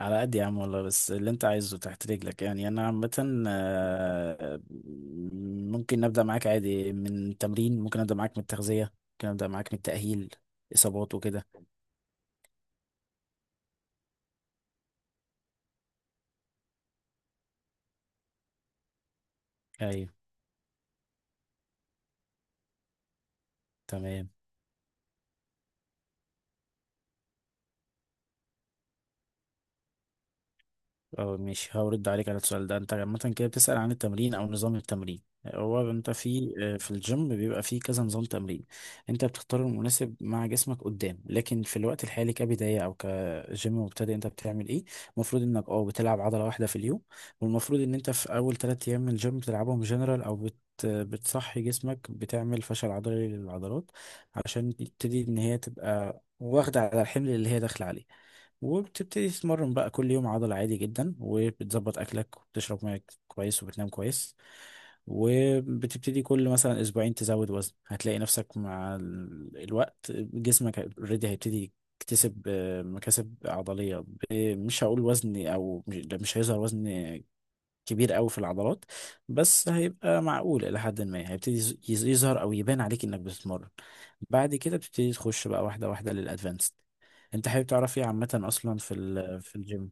على قد يا عم والله، بس اللي انت عايزه تحت رجلك. يعني انا عامة ممكن نبدأ معاك عادي من التمرين، ممكن ابدأ معاك من التغذية، ممكن ابدأ معاك من التأهيل اصابات وكده. ايوه. تمام. اه، مش هرد عليك على السؤال ده. انت عامة كده بتسأل عن التمرين او نظام التمرين. هو انت في الجيم بيبقى فيه كذا نظام تمرين. انت بتختار المناسب مع جسمك قدام، لكن في الوقت الحالي كبداية او كجيم مبتدئ انت بتعمل ايه؟ المفروض انك بتلعب عضلة واحدة في اليوم. والمفروض ان انت في اول ثلاث ايام من الجيم بتلعبهم جنرال او بتصحي جسمك، بتعمل فشل عضلي للعضلات عشان تبتدي ان هي تبقى واخدة على الحمل اللي هي داخلة عليه. وبتبتدي تتمرن بقى كل يوم عضل عادي جدا، وبتظبط اكلك وبتشرب ميه كويس وبتنام كويس، وبتبتدي كل مثلا اسبوعين تزود وزن. هتلاقي نفسك مع الوقت جسمك اوريدي هيبتدي يكتسب مكاسب عضلية. مش هقول وزن، او مش ده، مش هيظهر وزن كبير قوي في العضلات، بس هيبقى معقول الى حد ما. هيبتدي يظهر او يبان عليك انك بتتمرن. بعد كده بتبتدي تخش بقى واحده واحده للادفانسد. انت حابب تعرف ايه عامه اصلا في الجيم؟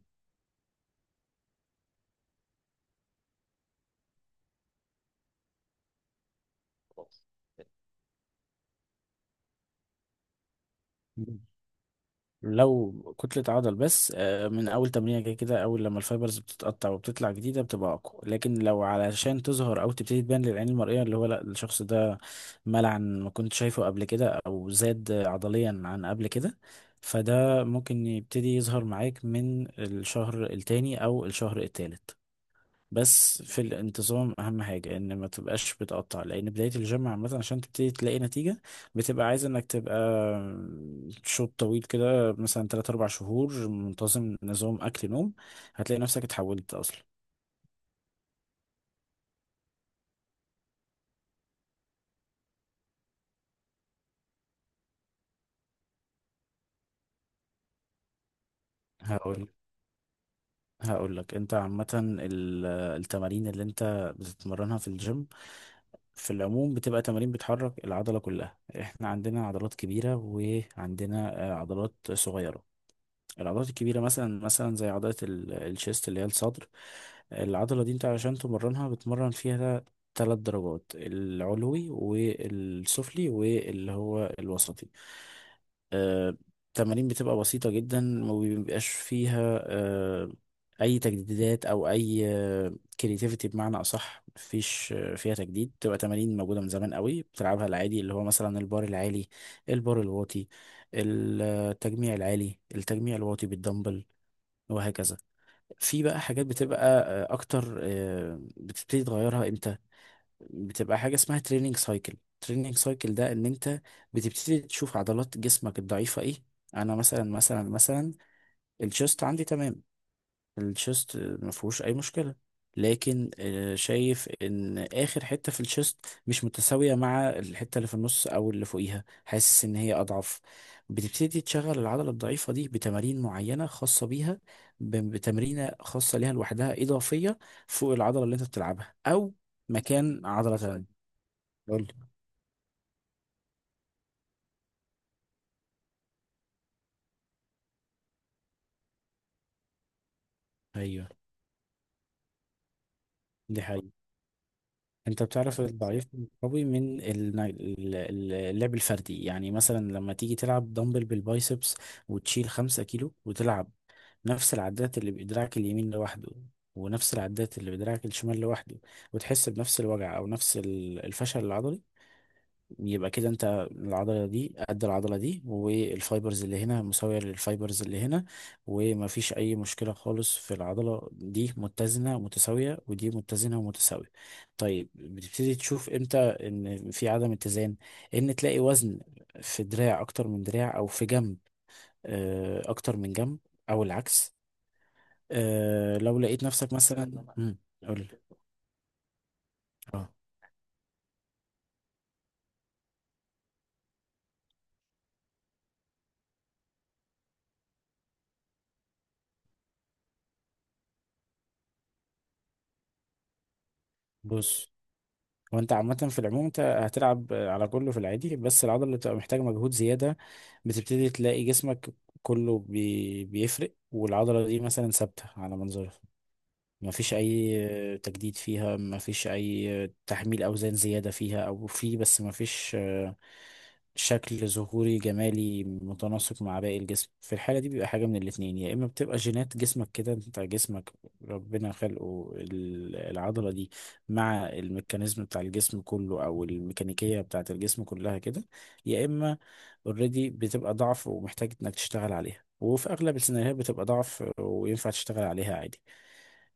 لو كتلة عضل بس، من أول تمرينة كده كده، أول لما الفايبرز بتتقطع وبتطلع جديدة بتبقى أقوى. لكن لو علشان تظهر أو تبتدي تبان للعين المرئية، اللي هو لأ، الشخص ده مال عن ما كنت شايفه قبل كده أو زاد عضليا عن قبل كده، فده ممكن يبتدي يظهر معاك من الشهر التاني أو الشهر التالت. بس في الانتظام اهم حاجة، ان ما تبقاش بتقطع، لان بداية الجيم عامة عشان تبتدي تلاقي نتيجة بتبقى عايز انك تبقى شوط طويل كده، مثلا 3 4 شهور منتظم، نظام اكل نوم، هتلاقي نفسك اتحولت اصلا. هقول هقول لك، انت عامة التمارين اللي انت بتتمرنها في الجيم في العموم بتبقى تمارين بتحرك العضلة كلها. احنا عندنا عضلات كبيرة وعندنا عضلات صغيرة. العضلات الكبيرة مثلا زي عضلة الشيست اللي هي الصدر. العضلة دي انت علشان تمرنها بتمرن فيها ثلاث درجات، العلوي والسفلي واللي هو الوسطي. آه، التمارين بتبقى بسيطة جدا، ما بيبقاش فيها أي تجديدات أو أي كرياتيفيتي. بمعنى أصح مفيش فيها تجديد. بتبقى تمارين موجودة من زمان قوي بتلعبها العادي، اللي هو مثلا البار العالي، البار الواطي، التجميع العالي، التجميع الواطي بالدمبل، وهكذا. في بقى حاجات بتبقى اكتر. بتبتدي تغيرها امتى؟ بتبقى حاجه اسمها تريننج سايكل. تريننج سايكل ده ان انت بتبتدي تشوف عضلات جسمك الضعيفه ايه. انا مثلا، الشيست عندي تمام. الشيست ما فيهوش اي مشكله، لكن شايف ان اخر حته في الشيست مش متساويه مع الحته اللي في النص او اللي فوقيها، حاسس ان هي اضعف. بتبتدي تشغل العضله الضعيفه دي بتمارين معينه خاصه بيها، بتمرينه خاصه ليها لوحدها اضافيه فوق العضله اللي انت بتلعبها او مكان عضله تانية. قول. ايوه، دي حقيقة. انت بتعرف الضعيف من القوي من اللعب الفردي. يعني مثلا لما تيجي تلعب دمبل بالبايسبس وتشيل خمسة كيلو، وتلعب نفس العدات اللي بدراعك اليمين لوحده، ونفس العدات اللي بدراعك الشمال لوحده، وتحس بنفس الوجع او نفس الفشل العضلي، يبقى كده انت العضلة دي قد العضلة دي، والفايبرز اللي هنا مساوية للفايبرز اللي هنا، ومفيش أي مشكلة خالص. في العضلة دي متزنة ومتساوية ودي متزنة ومتساوية. طيب، بتبتدي تشوف امتى ان في عدم اتزان؟ ان تلاقي وزن في دراع أكتر من دراع، أو في جنب أكتر من جنب، أو العكس. لو لقيت نفسك مثلا، قول. اه، بص. وانت عامة في العموم انت هتلعب على كله في العادي، بس العضلة اللي بتبقى محتاجة مجهود زيادة، بتبتدي تلاقي جسمك كله بيفرق، والعضلة دي مثلا ثابتة على منظرها. ما فيش اي تجديد فيها، ما فيش اي تحميل اوزان زيادة فيها، او في بس ما فيش شكل ظهوري جمالي متناسق مع باقي الجسم. في الحالة دي بيبقى حاجة من الاتنين، يا اما بتبقى جينات جسمك كده، انت جسمك ربنا خلقه العضلة دي مع الميكانيزم بتاع الجسم كله، او الميكانيكية بتاعة الجسم كلها كده، يا اما اوريدي بتبقى ضعف ومحتاج انك تشتغل عليها. وفي اغلب السيناريوهات بتبقى ضعف وينفع تشتغل عليها عادي.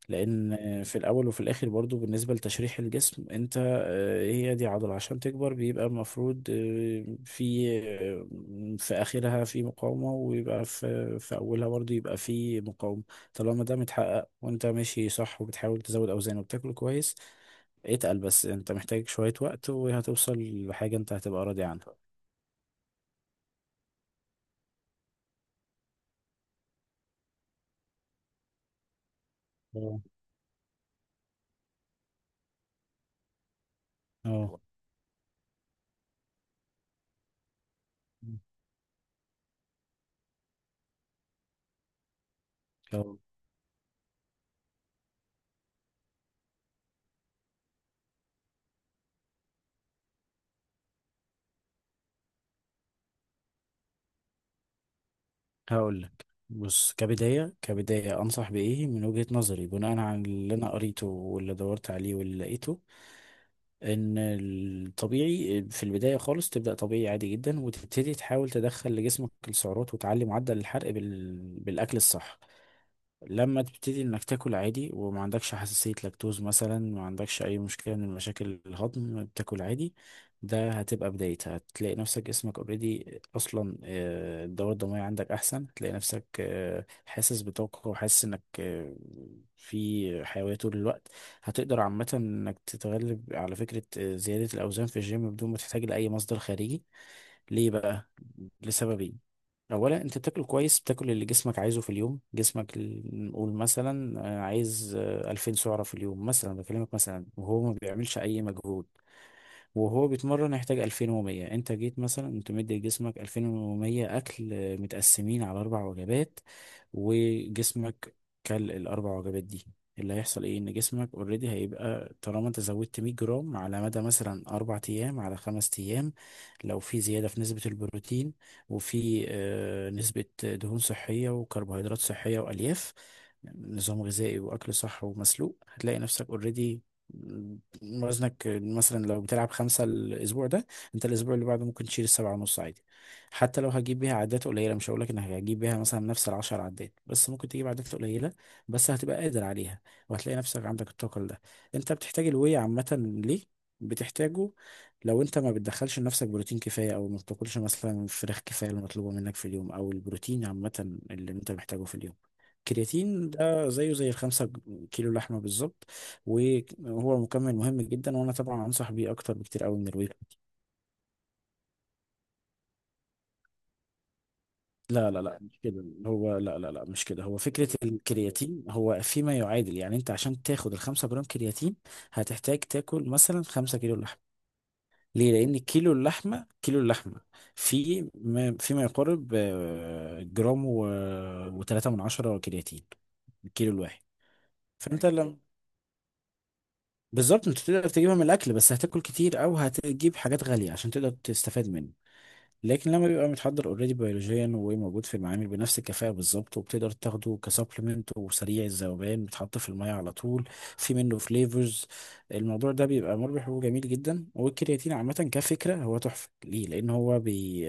لان في الاول وفي الاخر، برضو بالنسبه لتشريح الجسم، انت هي دي عضله، عشان تكبر بيبقى المفروض في اخرها في مقاومه، ويبقى في اولها برضو يبقى في مقاومه. طالما ده متحقق وانت ماشي صح وبتحاول تزود اوزان وبتاكل كويس، اتقل، بس انت محتاج شويه وقت وهتوصل لحاجه انت هتبقى راضي عنها. اه. اه، هقول لك. بص، كبداية أنصح بإيه من وجهة نظري بناء على اللي أنا قريته واللي دورت عليه واللي لقيته. إن الطبيعي في البداية خالص تبدأ طبيعي عادي جدا وتبتدي تحاول تدخل لجسمك السعرات وتعلي معدل الحرق بالأكل الصح. لما تبتدي انك تاكل عادي، وما عندكش حساسية لاكتوز مثلا، ما عندكش اي مشكلة من مشاكل الهضم، بتاكل عادي، ده هتبقى بدايتها. هتلاقي نفسك جسمك اوريدي اصلا الدورة الدموية عندك احسن، هتلاقي نفسك حاسس بطاقة وحاسس انك في حيوية طول الوقت. هتقدر عامة انك تتغلب على فكرة زيادة الاوزان في الجيم بدون ما تحتاج لاي مصدر خارجي. ليه بقى؟ لسببين. اولا، انت بتاكل كويس، بتاكل اللي جسمك عايزه في اليوم. جسمك نقول مثلا عايز 2000 سعره في اليوم مثلا، بكلمك مثلا وهو ما بيعملش اي مجهود. وهو بيتمرن يحتاج 2100، انت جيت مثلا انت مدي لجسمك 2100 اكل متقسمين على اربع وجبات، وجسمك كل الاربع وجبات دي، اللي هيحصل ايه ان جسمك اوريدي هيبقى طالما انت زودت 100 جرام على مدى مثلا اربع ايام على خمس ايام، لو في زياده في نسبه البروتين وفي نسبه دهون صحيه وكربوهيدرات صحيه والياف، نظام غذائي واكل صح ومسلوق، هتلاقي نفسك اوريدي وزنك مثلا لو بتلعب خمسة الأسبوع ده، أنت الأسبوع اللي بعده ممكن تشيل السبعة ونص عادي. حتى لو هجيب بيها عدات قليلة، مش هقولك إنك هجيب بيها مثلا نفس العشر عدات، بس ممكن تجيب عدات قليلة، بس هتبقى قادر عليها، وهتلاقي نفسك عندك الطاقة ده. أنت بتحتاج الوي عامة. ليه؟ بتحتاجه لو انت ما بتدخلش لنفسك بروتين كفايه، او ما بتاكلش مثلا فراخ كفايه اللي مطلوبه منك في اليوم، او البروتين عامه اللي انت محتاجه في اليوم. كرياتين ده زيه زي الخمسة كيلو لحمة بالظبط. وهو مكمل مهم جدا وانا طبعا انصح بيه اكتر بكتير قوي من الويب. لا لا لا، مش كده هو، لا لا لا، مش كده هو. فكره الكرياتين هو فيما يعادل، يعني انت عشان تاخد الخمسة جرام كرياتين هتحتاج تاكل مثلا خمسة كيلو لحمه. ليه؟ لان كيلو اللحمه، كيلو اللحمه في ما فيما يقارب جرام وتلاتة من عشرة كرياتين الكيلو الواحد. فانت لما، بالظبط، انت تقدر تجيبها من الاكل بس هتاكل كتير، او هتجيب حاجات غاليه عشان تقدر تستفاد منه. لكن لما بيبقى متحضر اوريدي بيولوجيا وموجود في المعامل بنفس الكفاءة بالظبط، وبتقدر تاخده كسبلمنت وسريع الذوبان بيتحط في المية على طول، في منه فليفرز، الموضوع ده بيبقى مربح وجميل جدا. والكرياتين عامة كفكرة هو تحفة. ليه؟ لأن هو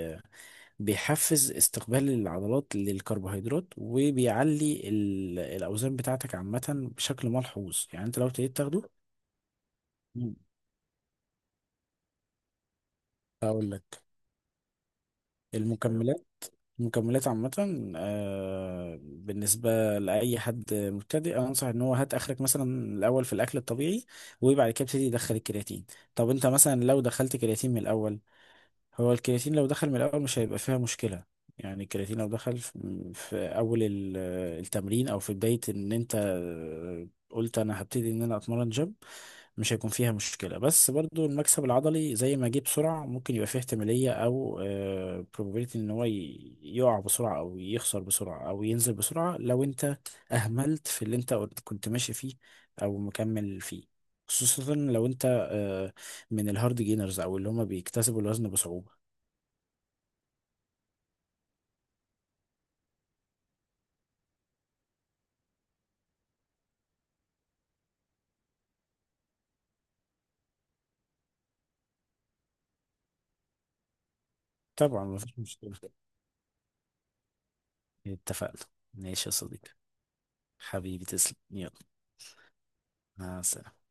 بيحفز استقبال العضلات للكربوهيدرات وبيعلي الأوزان بتاعتك عامة بشكل ملحوظ. يعني أنت لو ابتديت تاخده. مم. أقول لك. المكملات مكملات عامة بالنسبة لأي حد مبتدئ، أنصح إن هو هات آخرك مثلا الأول في الأكل الطبيعي، وبعد كده ابتدي يدخل الكرياتين. طب أنت مثلا لو دخلت كرياتين من الأول، هو الكرياتين لو دخل من الأول مش هيبقى فيها مشكلة. يعني الكرياتين لو دخل في أول التمرين، أو في بداية إن أنت قلت أنا هبتدي إن أنا أتمرن جيم، مش هيكون فيها مشكلة. بس برضو المكسب العضلي زي ما جه بسرعة ممكن يبقى فيه احتمالية أو probability، إن هو يقع بسرعة أو يخسر بسرعة أو ينزل بسرعة لو أنت أهملت في اللي أنت كنت ماشي فيه أو مكمل فيه، خصوصا لو أنت آه، من الهارد جينرز أو اللي هما بيكتسبوا الوزن بصعوبة. طبعا مفيش مشكلة. اتفقنا. ماشي يا صديقي. حبيبي تسلم، يلا. مع السلامة.